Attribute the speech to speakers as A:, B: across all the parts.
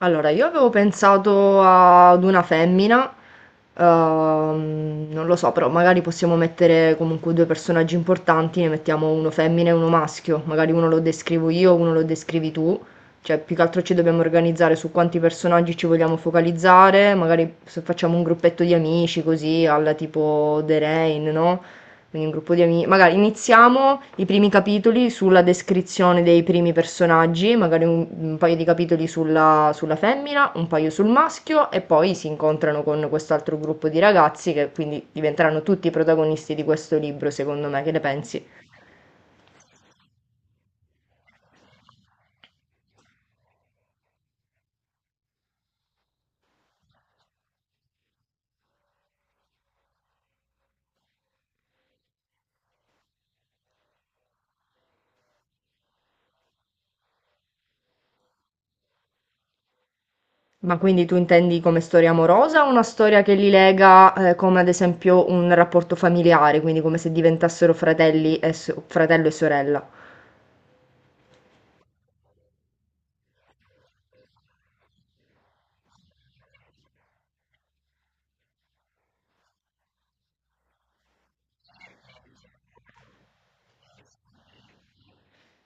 A: Allora, io avevo pensato ad una femmina, non lo so, però magari possiamo mettere comunque due personaggi importanti, ne mettiamo uno femmina e uno maschio, magari uno lo descrivo io, uno lo descrivi tu, cioè più che altro ci dobbiamo organizzare su quanti personaggi ci vogliamo focalizzare, magari se facciamo un gruppetto di amici così, alla tipo The Rain, no? Quindi un gruppo di amici. Magari iniziamo i primi capitoli sulla descrizione dei primi personaggi, magari un paio di capitoli sulla femmina, un paio sul maschio e poi si incontrano con quest'altro gruppo di ragazzi che quindi diventeranno tutti i protagonisti di questo libro, secondo me, che ne pensi? Ma quindi tu intendi come storia amorosa o una storia che li lega, come ad esempio un rapporto familiare, quindi come se diventassero fratello e sorella?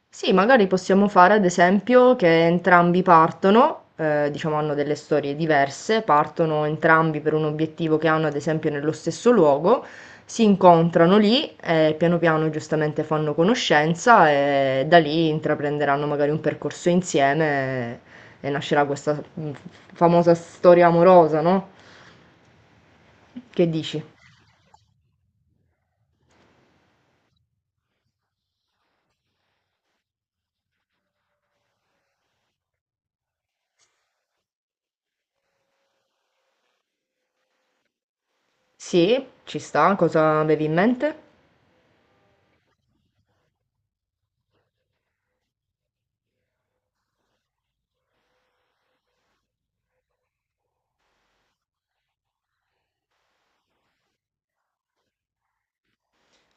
A: Sì, magari possiamo fare ad esempio che entrambi partono, diciamo hanno delle storie diverse, partono entrambi per un obiettivo che hanno ad esempio nello stesso luogo, si incontrano lì e piano piano giustamente fanno conoscenza e da lì intraprenderanno magari un percorso insieme e nascerà questa famosa storia amorosa, no? Che dici? Sì, ci sta, cosa avevi in mente?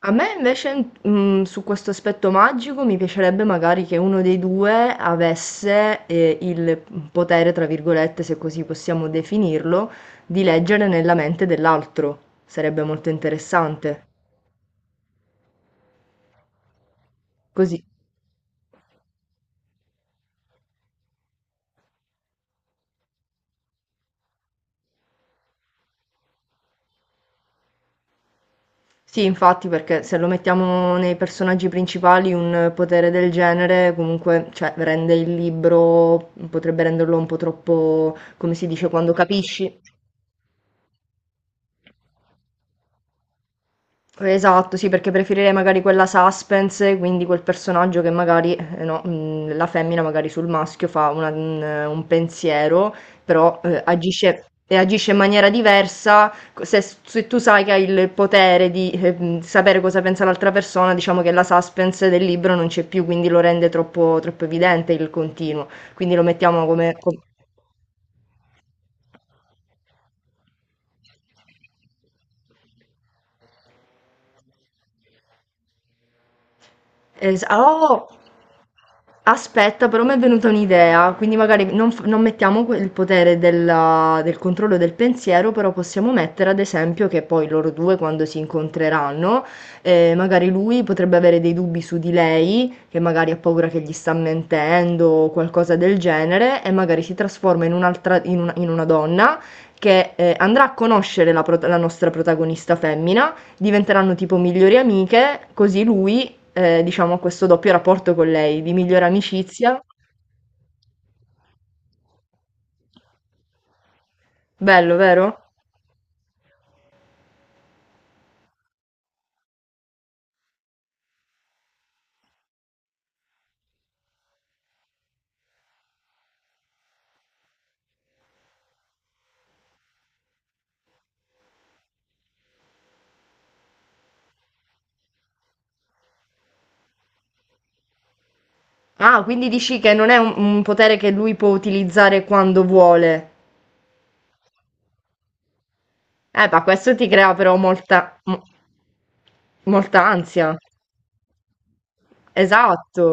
A: A me invece, mm, su questo aspetto magico, mi piacerebbe magari che uno dei due avesse il potere, tra virgolette, se così possiamo definirlo, di leggere nella mente dell'altro. Sarebbe molto interessante. Così. Sì, infatti, perché se lo mettiamo nei personaggi principali, un potere del genere comunque, cioè, rende il libro, potrebbe renderlo un po' troppo, come si dice, quando capisci. Esatto, sì, perché preferirei magari quella suspense, quindi quel personaggio che magari, no, la femmina magari sul maschio fa un pensiero, però agisce, e agisce in maniera diversa. Se tu sai che hai il potere di sapere cosa pensa l'altra persona, diciamo che la suspense del libro non c'è più, quindi lo rende troppo, troppo evidente il continuo. Quindi lo mettiamo come... oh! Aspetta, però mi è venuta un'idea, quindi magari non mettiamo il potere del controllo del pensiero, però possiamo mettere ad esempio che poi loro due quando si incontreranno, magari lui potrebbe avere dei dubbi su di lei, che magari ha paura che gli sta mentendo o qualcosa del genere, e magari si trasforma in un'altra, in una donna che andrà a conoscere la nostra protagonista femmina, diventeranno tipo migliori amiche, così lui diciamo, questo doppio rapporto con lei, di migliore amicizia. Bello, vero? Ah, quindi dici che non è un potere che lui può utilizzare quando vuole. Ma questo ti crea però molta ansia. Esatto.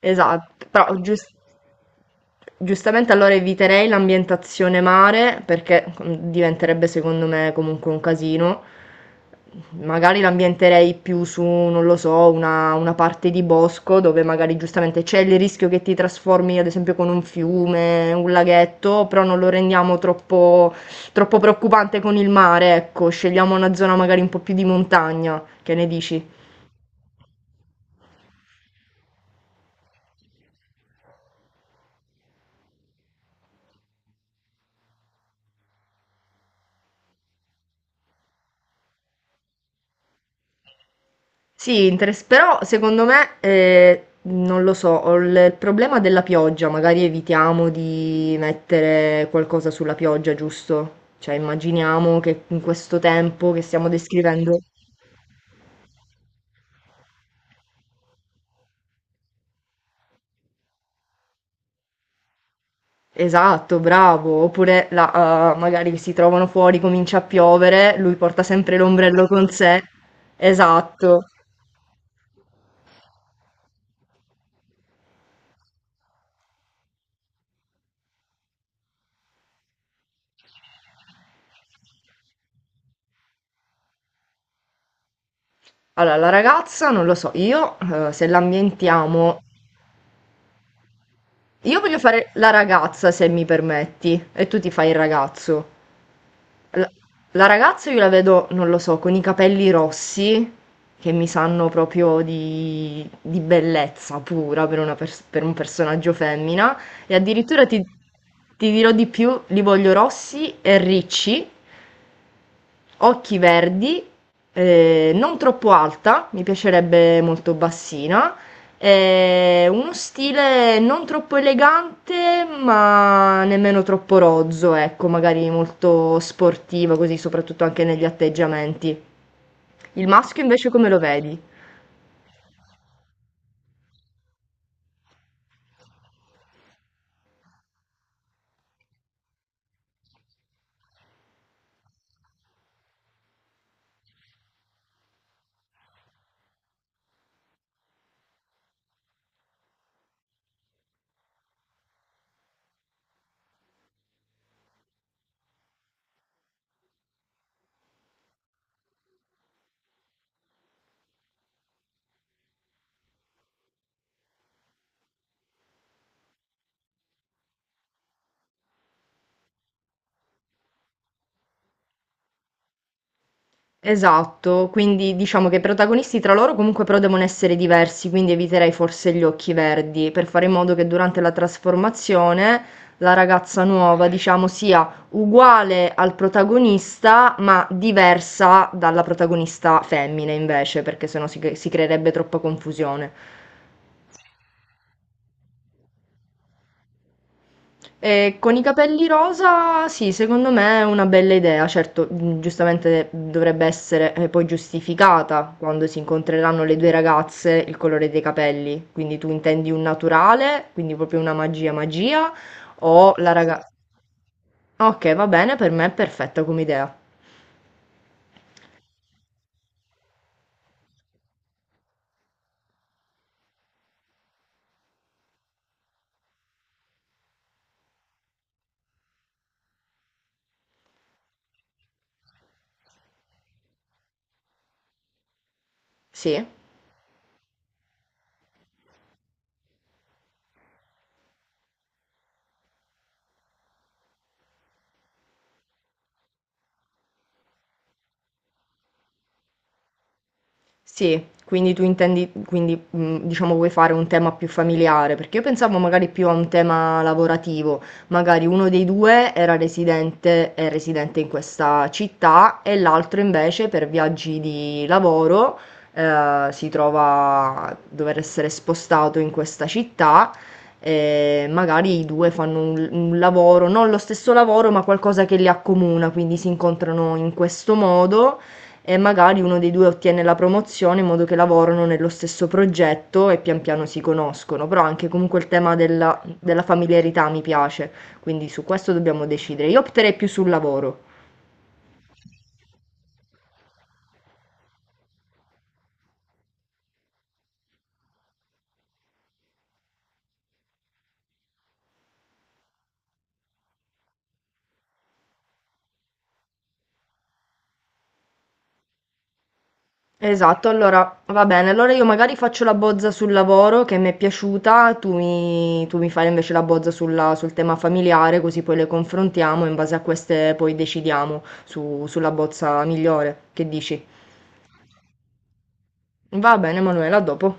A: Esatto, però giustamente allora eviterei l'ambientazione mare perché mm, diventerebbe secondo me comunque un casino. Magari l'ambienterei più su, non lo so, una parte di bosco dove magari giustamente c'è il rischio che ti trasformi ad esempio con un fiume, un laghetto, però non lo rendiamo troppo, troppo preoccupante con il mare, ecco, scegliamo una zona magari un po' più di montagna, che ne dici? Sì, interes però secondo me, non lo so, ho il problema della pioggia, magari evitiamo di mettere qualcosa sulla pioggia, giusto? Cioè immaginiamo che in questo tempo che stiamo descrivendo... Esatto, bravo. Oppure la, magari che si trovano fuori, comincia a piovere, lui porta sempre l'ombrello con sé. Esatto. Allora, la ragazza, non lo so, io se l'ambientiamo... Io voglio fare la ragazza, se mi permetti, e tu ti fai il ragazzo. La la ragazza io la vedo, non lo so, con i capelli rossi, che mi sanno proprio di bellezza pura per una pers per un personaggio femmina, e addirittura ti dirò di più, li voglio rossi e ricci. Occhi verdi, non troppo alta, mi piacerebbe molto bassina, uno stile non troppo elegante, ma nemmeno troppo rozzo, ecco, magari molto sportivo, così soprattutto anche negli atteggiamenti. Il maschio invece come lo vedi? Esatto, quindi diciamo che i protagonisti tra loro comunque però devono essere diversi, quindi eviterei forse gli occhi verdi per fare in modo che durante la trasformazione la ragazza nuova, diciamo, sia uguale al protagonista, ma diversa dalla protagonista femmina invece, perché sennò si creerebbe troppa confusione. E con i capelli rosa, sì, secondo me è una bella idea, certo, giustamente dovrebbe essere poi giustificata quando si incontreranno le due ragazze il colore dei capelli. Quindi tu intendi un naturale, quindi proprio una magia magia, o la Sì. ragazza... Ok, va bene, per me è perfetta come idea. Sì. Sì, quindi tu intendi, quindi diciamo vuoi fare un tema più familiare, perché io pensavo magari più a un tema lavorativo, magari uno dei due era residente, è residente in questa città e l'altro invece per viaggi di lavoro si trova a dover essere spostato in questa città e magari i due fanno un lavoro, non lo stesso lavoro, ma qualcosa che li accomuna, quindi si incontrano in questo modo e magari uno dei due ottiene la promozione in modo che lavorano nello stesso progetto e pian piano si conoscono, però anche comunque il tema della familiarità mi piace, quindi su questo dobbiamo decidere. Io opterei più sul lavoro. Esatto, allora va bene, allora io magari faccio la bozza sul lavoro che mi è piaciuta, tu mi fai invece la bozza sul tema familiare, così poi le confrontiamo e in base a queste poi decidiamo sulla bozza migliore. Che dici? Va bene, Manuela, a dopo.